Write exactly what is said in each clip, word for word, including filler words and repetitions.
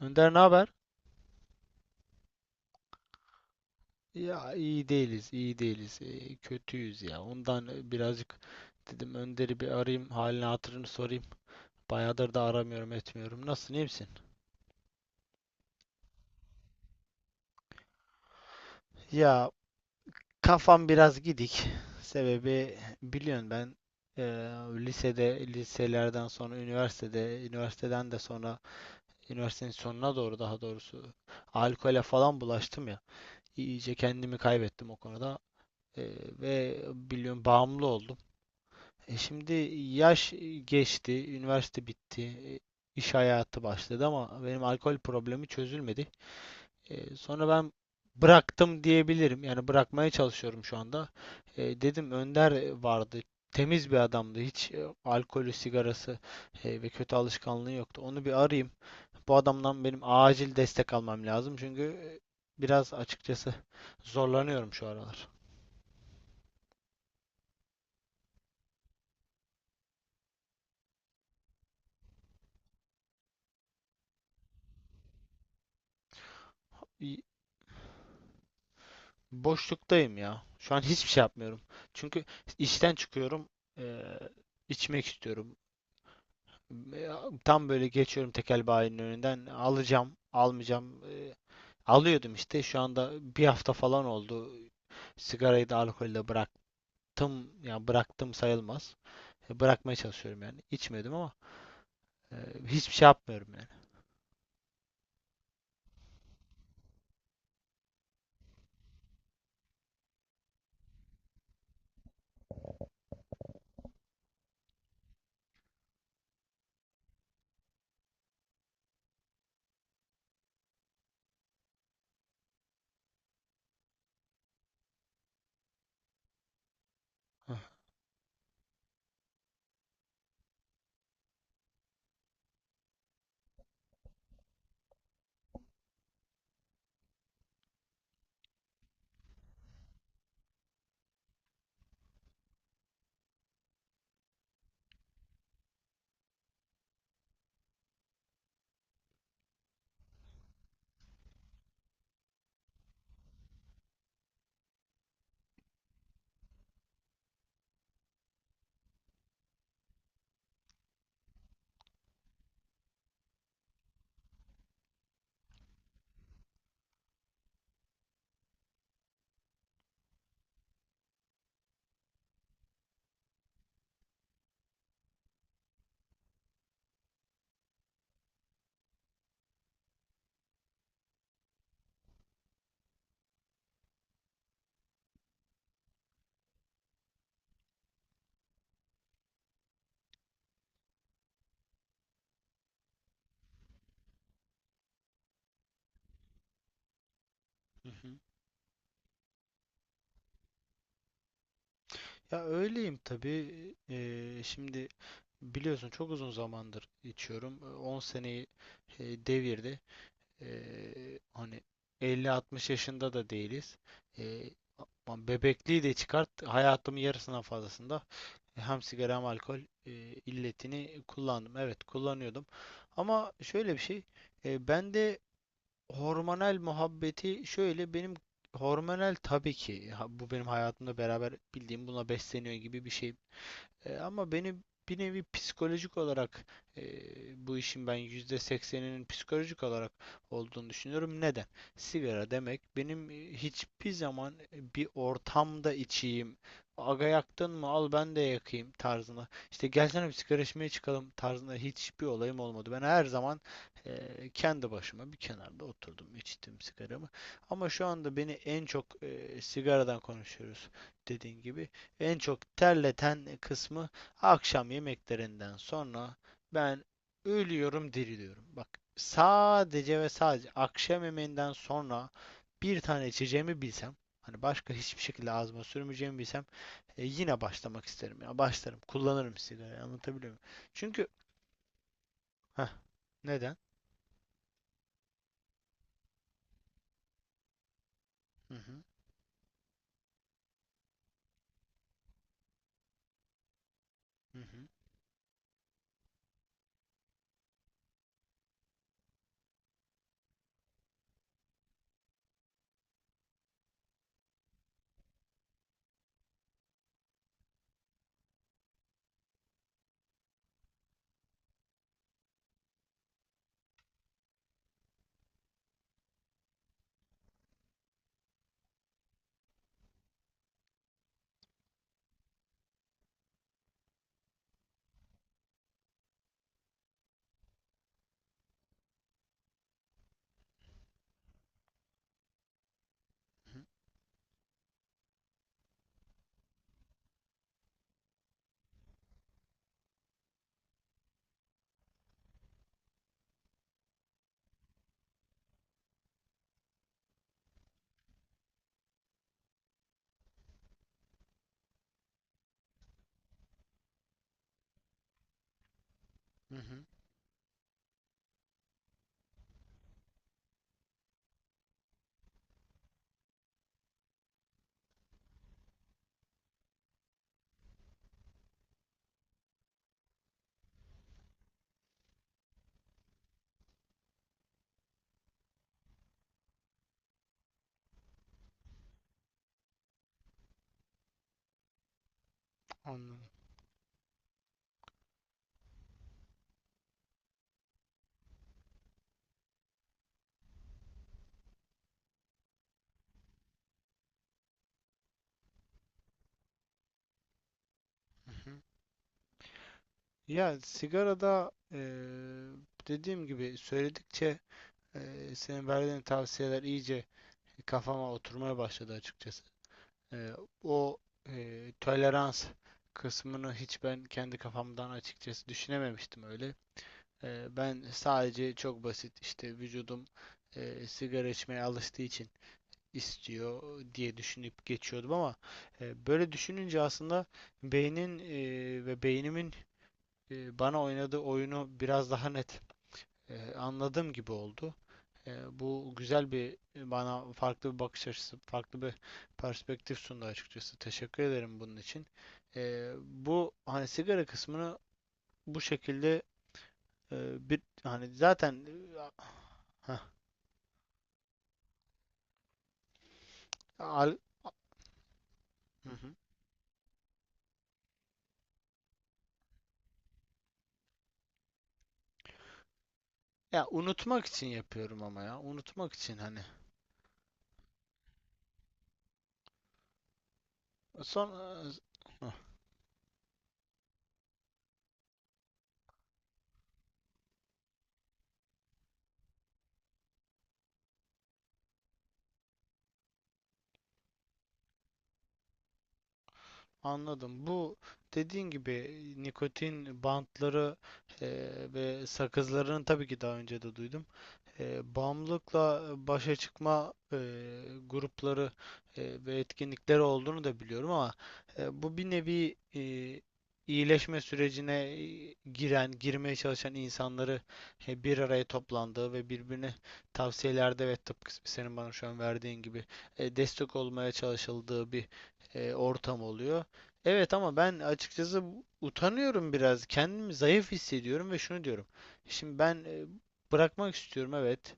Önder ne haber? Ya iyi değiliz, iyi değiliz. Ee, kötüyüz ya. Ondan birazcık dedim Önder'i bir arayayım, halini hatırını sorayım. Bayağıdır da aramıyorum, etmiyorum. Nasılsın, iyi misin? Ya kafam biraz gidik. Sebebi biliyorsun ben eee, lisede, liselerden sonra üniversitede, üniversiteden de sonra üniversitenin sonuna doğru daha doğrusu alkole falan bulaştım ya. İyice kendimi kaybettim o konuda. Eee, ve biliyorum bağımlı oldum. E şimdi yaş e, geçti, üniversite bitti, e, iş hayatı başladı ama benim alkol problemi çözülmedi. E, sonra ben bıraktım diyebilirim. Yani bırakmaya çalışıyorum şu anda. E, dedim Önder vardı. Temiz bir adamdı. Hiç e, alkolü, sigarası e, ve kötü alışkanlığı yoktu. Onu bir arayayım. Bu adamdan benim acil destek almam lazım. Çünkü e, biraz açıkçası zorlanıyorum şu aralar. Boşluktayım ya. Şu an hiçbir şey yapmıyorum. Çünkü işten çıkıyorum. Eee, içmek istiyorum. Ya, tam böyle geçiyorum tekel bayinin önünden. Alacağım, almayacağım. eee, alıyordum işte. Şu anda bir hafta falan oldu. Sigarayı da alkolü de bıraktım. Yani bıraktım sayılmaz. E, Bırakmaya çalışıyorum yani. İçmiyordum ama eee, hiçbir şey yapmıyorum yani. Hah. Hı hı. Ya öyleyim tabii. Eee, şimdi biliyorsun çok uzun zamandır içiyorum. E, on seneyi e, devirdi. Eee, hani elli altmış yaşında da değiliz. Eee, ama bebekliği de çıkart. Hayatımın yarısından fazlasında hem sigara hem alkol e, illetini kullandım. Evet kullanıyordum. Ama şöyle bir şey. E, bende hormonal muhabbeti şöyle benim. Hormonal tabii ki ha- bu benim hayatımda beraber bildiğim buna besleniyor gibi bir şey, e, ama beni bir nevi psikolojik olarak, e, bu işin ben yüzde sekseninin psikolojik olarak olduğunu düşünüyorum. Neden? Sigara demek benim e, hiçbir zaman e, bir ortamda içeyim. Aga yaktın mı? Al ben de yakayım tarzına. İşte gelsene bir sigara içmeye çıkalım tarzında hiçbir olayım olmadı. Ben her zaman e, kendi başıma bir kenarda oturdum, içtim sigaramı. Ama şu anda beni en çok, e, sigaradan konuşuyoruz dediğin gibi, en çok terleten kısmı akşam yemeklerinden sonra ben ölüyorum diriliyorum. Bak, sadece ve sadece akşam yemeğinden sonra bir tane içeceğimi bilsem, hani başka hiçbir şekilde ağzıma sürmeyeceğimi bilsem, e, yine başlamak isterim ya. Başlarım. Kullanırım sigarayı. Anlatabiliyor muyum? Çünkü. Heh, neden? Hı hı. Hı hı. Hı hı. Anladım. Hı hı. Ya sigarada e, dediğim gibi söyledikçe. Ee, senin verdiğin tavsiyeler iyice kafama oturmaya başladı açıkçası. Ee, o e, tolerans kısmını hiç ben kendi kafamdan açıkçası düşünememiştim öyle. Ee, ben sadece çok basit işte vücudum e, sigara içmeye alıştığı için istiyor diye düşünüp geçiyordum ama e, böyle düşününce aslında beynin, e, ve beynimin e, bana oynadığı oyunu biraz daha net e, anladığım gibi oldu. E, bu güzel bir bana farklı bir bakış açısı, farklı bir perspektif sundu açıkçası. Teşekkür ederim bunun için. E, bu hani sigara kısmını bu şekilde, e, bir hani zaten e, heh, al- Hı hı. Ya unutmak için yapıyorum ama ya unutmak için hani. Son. Heh, anladım. Bu dediğin gibi nikotin bantları e, ve sakızlarını tabii ki daha önce de duydum. E, bağımlılıkla e, başa çıkma e, grupları e, ve etkinlikleri olduğunu da biliyorum ama, e, bu bir nevi e, iyileşme sürecine e, giren, girmeye çalışan insanları e, bir araya toplandığı ve birbirine tavsiyelerde, ve tıpkı senin bana şu an verdiğin gibi e, destek olmaya çalışıldığı bir e, ortam oluyor. Evet ama ben açıkçası utanıyorum biraz. Kendimi zayıf hissediyorum ve şunu diyorum. Şimdi ben e, Bırakmak istiyorum, evet.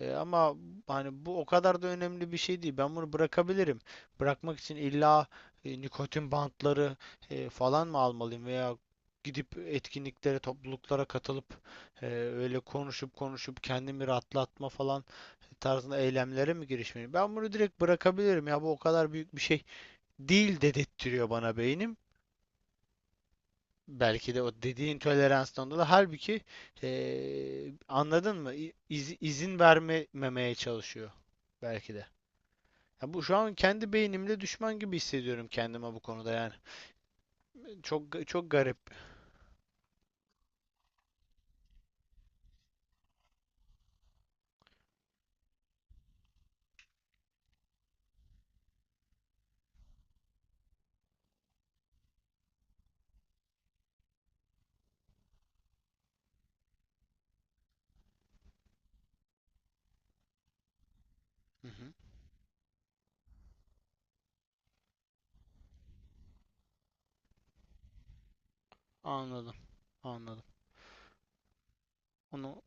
Ee, ama hani bu o kadar da önemli bir şey değil. Ben bunu bırakabilirim. Bırakmak için illa e, nikotin bantları e, falan mı almalıyım, veya gidip etkinliklere, topluluklara katılıp e, öyle konuşup konuşup kendimi rahatlatma falan tarzında eylemlere mi girişmeliyim? Ben bunu direkt bırakabilirim ya, bu o kadar büyük bir şey değil dedettiriyor bana beynim. Belki de o dediğin toleranstan dolayı. Halbuki eee, anladın mı? İ- iz- izin vermemeye çalışıyor. Belki de. Ya bu şu an kendi beynimle düşman gibi hissediyorum kendime bu konuda yani. Çok çok garip. Hı hı. Anladım. Anladım. Onu,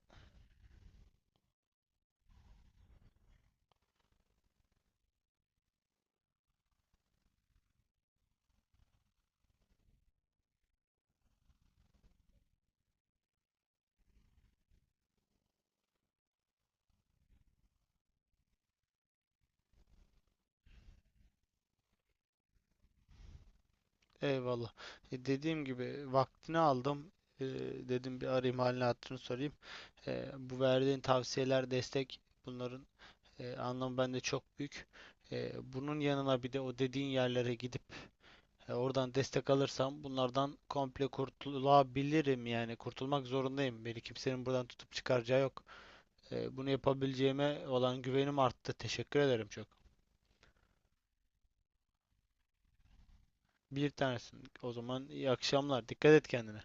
eyvallah. E, dediğim gibi vaktini aldım. E, dedim bir arayayım halini hatırını sorayım. E, bu verdiğin tavsiyeler, destek, bunların e, anlamı bende çok büyük. E, bunun yanına bir de o dediğin yerlere gidip E, oradan destek alırsam bunlardan komple kurtulabilirim, yani kurtulmak zorundayım. Beni kimsenin buradan tutup çıkaracağı yok. E, bunu yapabileceğime olan güvenim arttı. Teşekkür ederim çok. Bir tanesin. O zaman iyi akşamlar. Dikkat et kendine.